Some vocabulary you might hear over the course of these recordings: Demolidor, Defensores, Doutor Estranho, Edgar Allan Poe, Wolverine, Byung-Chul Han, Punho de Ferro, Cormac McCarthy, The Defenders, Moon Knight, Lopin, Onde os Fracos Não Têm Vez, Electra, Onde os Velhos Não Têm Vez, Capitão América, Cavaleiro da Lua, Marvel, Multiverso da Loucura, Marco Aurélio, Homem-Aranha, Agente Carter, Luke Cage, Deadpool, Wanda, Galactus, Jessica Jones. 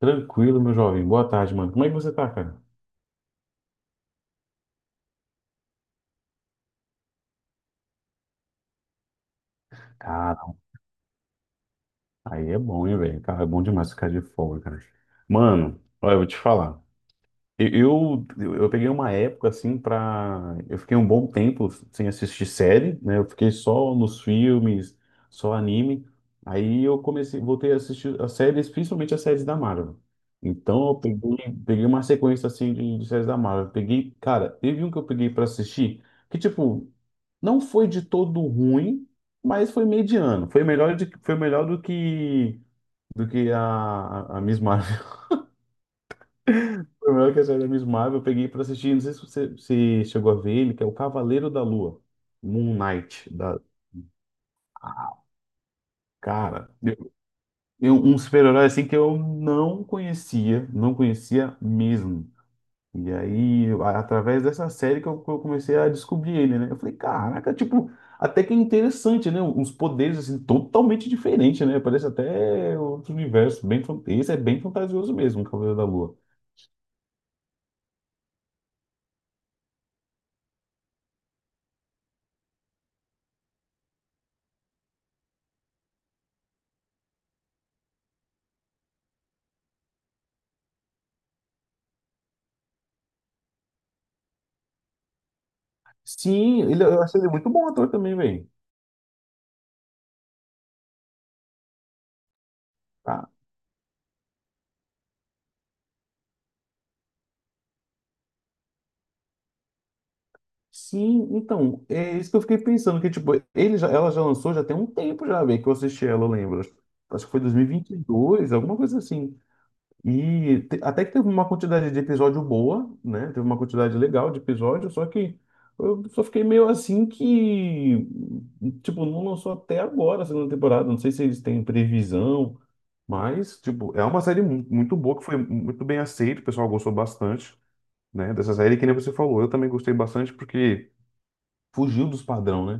Tranquilo, meu jovem. Boa tarde, mano. Como é que você tá, cara? Cara, aí é bom, hein, velho? Cara, é bom demais ficar de folga, cara. Mano, olha, eu vou te falar. Eu peguei uma época assim pra. Eu fiquei um bom tempo sem assistir série, né? Eu fiquei só nos filmes, só anime. Aí eu comecei, voltei a assistir as séries, principalmente as séries da Marvel. Então eu peguei, peguei uma sequência assim de séries da Marvel. Peguei, cara, teve um que eu peguei pra assistir que tipo não foi de todo ruim, mas foi mediano. Foi melhor de, foi melhor do que a Miss Marvel primeiro que saiu da Miss Marvel, eu peguei pra assistir, não sei se você se chegou a ver ele, que é o Cavaleiro da Lua, Moon Knight, da cara, um super-herói assim que eu não conhecia, não conhecia mesmo. E aí, através dessa série que eu comecei a descobrir ele, né? Eu falei, caraca, tipo, até que é interessante, né? Uns poderes assim totalmente diferentes, né? Parece até outro universo, bem, esse é bem fantasioso mesmo, o Cavaleiro da Lua. Sim, ele, eu achei ele muito bom ator também, velho. Tá. Sim, então, é isso que eu fiquei pensando, que tipo, ela já lançou já tem um tempo já, bem, que eu assisti ela, eu lembro. Acho que foi 2022, alguma coisa assim. E até que teve uma quantidade de episódio boa, né? Teve uma quantidade legal de episódio, só que eu só fiquei meio assim que, tipo, não lançou até agora a segunda temporada. Não sei se eles têm previsão, mas, tipo, é uma série muito boa, que foi muito bem aceita, o pessoal gostou bastante, né? Dessa série, que nem você falou, eu também gostei bastante porque fugiu dos padrão, né?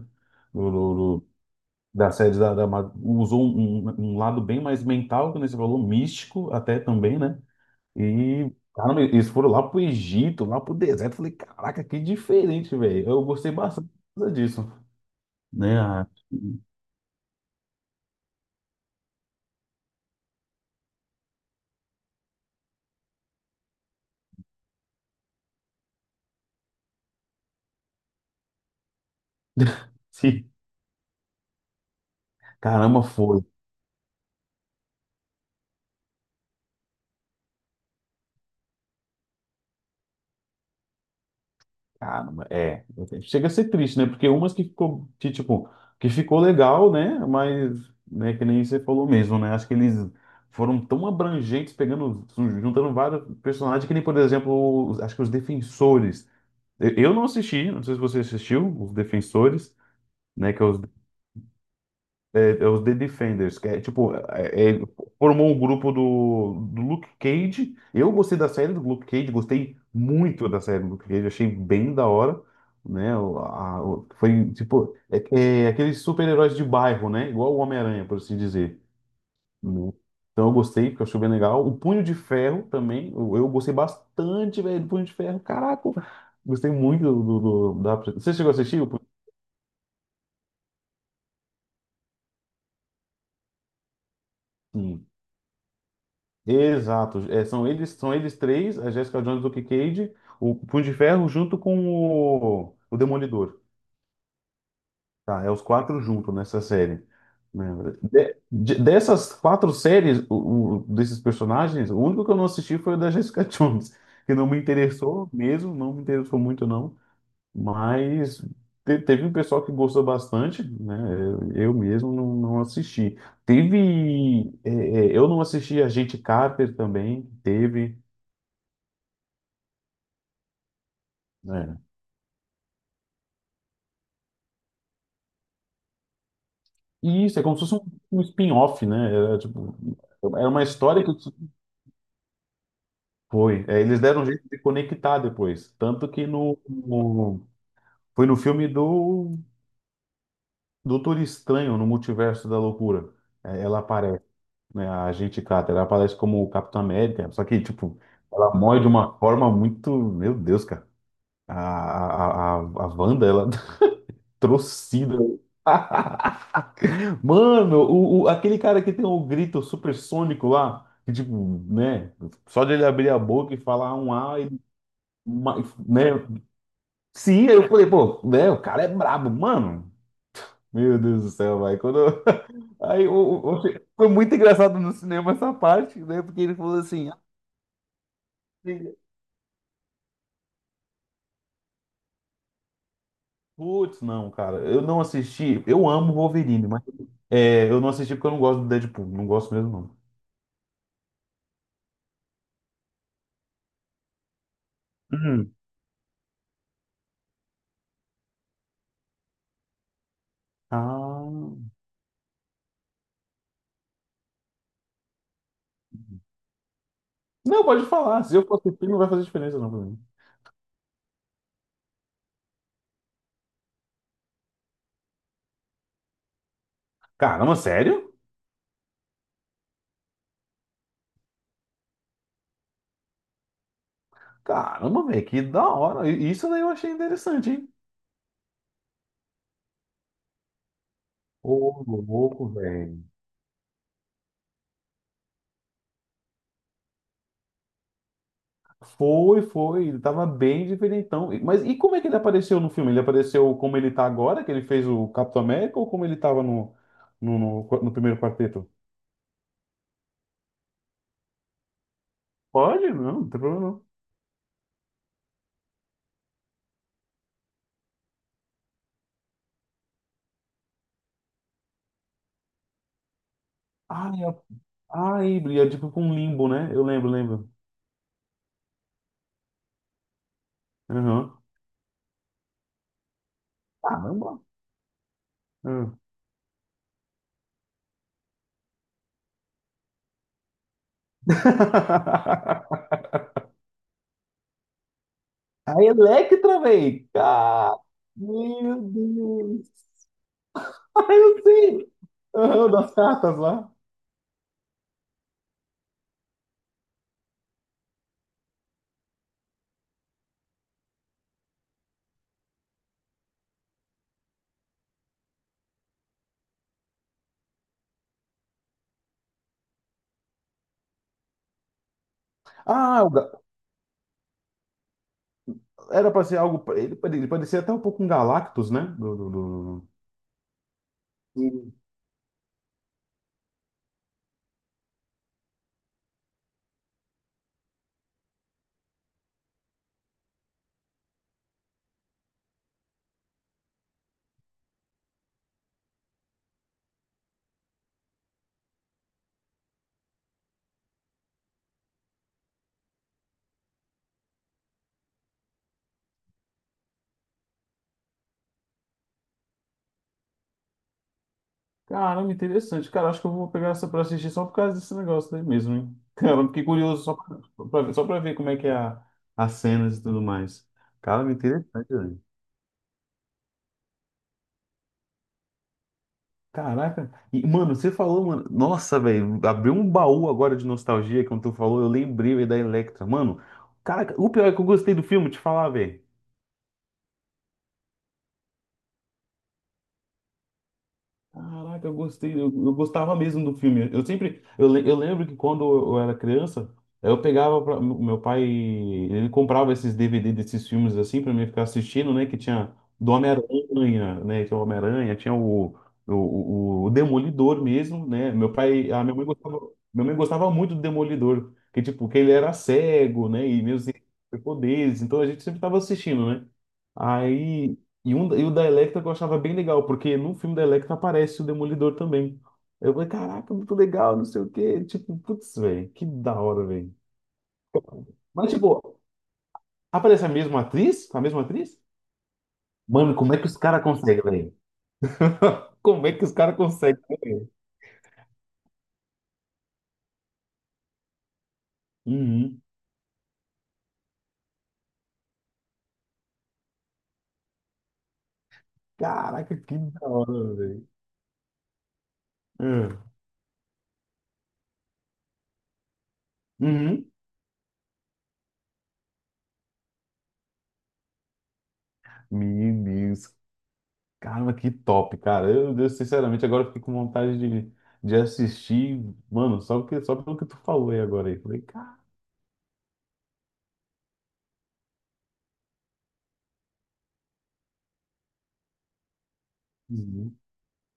Do da série da usou um, um lado bem mais mental, que nem você falou, místico até também, né? E caramba, eles foram lá pro Egito, lá pro deserto. Eu falei, caraca, que diferente, velho. Eu gostei bastante disso, né? Ah, sim, caramba, foi. Caramba, é. Chega a ser triste, né? Porque umas que ficou, que, tipo, que ficou legal, né? Mas, né, que nem você falou mesmo, né? Acho que eles foram tão abrangentes, pegando, juntando vários personagens, que nem, por exemplo, acho que os Defensores. Eu não assisti, não sei se você assistiu, os Defensores, né? Que é os é, é os The Defenders, que é tipo, formou o grupo do Luke Cage. Eu gostei da série do Luke Cage, gostei muito da série do Luke Cage, achei bem da hora, né? Foi tipo, é, é aqueles super-heróis de bairro, né? Igual o Homem-Aranha, por assim dizer. Né? Então eu gostei, porque eu achei bem legal. O Punho de Ferro também, eu gostei bastante, velho, do Punho de Ferro. Caraca, gostei muito do, do- do- da. Você chegou a assistir o Punho? Exato. É, são eles três, a Jessica Jones, o Cage, o Punho de Ferro junto com o Demolidor. Tá, é os quatro juntos nessa série. Né? Dessas quatro séries, desses personagens, o único que eu não assisti foi o da Jessica Jones, que não me interessou mesmo, não me interessou muito não, mas teve um pessoal que gostou bastante, né? Eu mesmo não, não assisti. Teve, eu não assisti a Agente Carter também, teve. É. E isso é como se fosse um, um spin-off, né? Era, tipo, era uma história que foi. É, eles deram um jeito de conectar depois. Tanto que foi no filme do Doutor Estranho, no Multiverso da Loucura. É, ela aparece, né? A agente Carter, ela aparece como o Capitão América. Só que, tipo, ela morre de uma forma muito. Meu Deus, cara. A Wanda, ela trocida. Mano, aquele cara que tem o grito supersônico lá, que tipo, né? Só de ele abrir a boca e falar um A, ele, ma- né? Sim, aí eu falei, pô, né? O cara é brabo, mano. Meu Deus do céu, vai. Quando eu- Aí o- foi muito engraçado no cinema essa parte, né? Porque ele falou assim, "Ah, putz, não, cara, eu não assisti. Eu amo Wolverine, mas é, eu não assisti porque eu não gosto do Deadpool, não gosto mesmo, não. Hum. Ah. Não, pode falar. Se eu for assistir, não vai fazer diferença, não, pra mim. Caramba, sério? Caramba, velho, que da hora. Isso daí eu achei interessante, hein? Ô, louco, velho. Foi, foi. Ele tava bem diferentão. E- mas e como é que ele apareceu no filme? Ele apareceu como ele tá agora, que ele fez o Capitão América, ou como ele tava no primeiro quarteto? Pode? Não, não tem problema não. Ah, é, ah, é, e é tipo com um limbo, né? Eu lembro, lembro. Aham. Caramba. Hum. A Electra, velho! Cara, meu Deus! Ah, eu sei! Aham, das cartas lá. Ah, era pra ser algo. Ele parecia até um pouco um Galactus, né? Do... Sim. Caramba, interessante. Cara, acho que eu vou pegar essa pra assistir só por causa desse negócio aí mesmo, hein? Cara, eu fiquei curioso só pra, só pra ver como é que é a, as cenas e tudo mais. Cara, interessante, velho. Caraca. E, mano, você falou, mano. Nossa, velho. Abriu um baú agora de nostalgia quando tu falou. Eu lembrei, velho, da Electra. Mano, cara, o pior é que eu gostei do filme, te falar, velho. Caraca, eu gostei, eu gostava mesmo do filme. Eu sempre, eu, eu lembro que quando eu era criança, eu pegava, pra, o meu pai, ele comprava esses DVD desses filmes assim pra mim ficar assistindo, né? Que tinha do Homem-Aranha, né? Tinha o Homem-Aranha, tinha o Demolidor mesmo, né? Meu pai, a minha mãe gostava muito do Demolidor, que tipo, que ele era cego, né? E mesmo assim, poderes, então a gente sempre tava assistindo, né? Aí e, um, e o da Electra eu achava bem legal, porque no filme da Electra aparece o Demolidor também. Eu falei, caraca, muito legal, não sei o quê. Tipo, putz, velho, que da hora, velho. Mas, tipo, aparece a mesma atriz? A mesma atriz? Mano, como é que os caras conseguem, velho? Como é que os caras conseguem, velho? Uhum. Caraca, que da hora, velho. Hum. Uhum. Meu Deus. Caramba, que top, cara. Sinceramente, agora eu fiquei com vontade de assistir, mano, só, porque, só pelo que tu falou aí agora. Aí. Falei, uhum.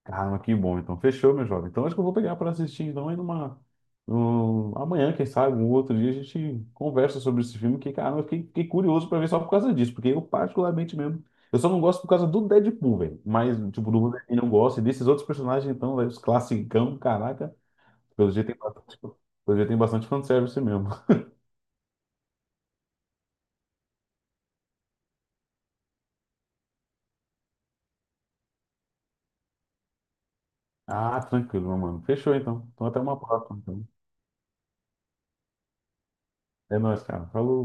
Caramba, que bom. Então, fechou, meu jovem. Então, acho que eu vou pegar para assistir. Então, aí numa. Amanhã, quem sabe, um outro dia, a gente conversa sobre esse filme. Que, caramba, fiquei curioso para ver só por causa disso. Porque eu, particularmente mesmo. Eu só não gosto por causa do Deadpool, velho. Mas, tipo, do Wolverine eu não gosto. E desses outros personagens, então, velho, os classicão, caraca. Pelo jeito tem bastante, pelo jeito tem bastante fanservice mesmo. Ah, tranquilo, meu mano. Fechou, então. Então, até uma próxima. Então. É nóis, cara. Falou.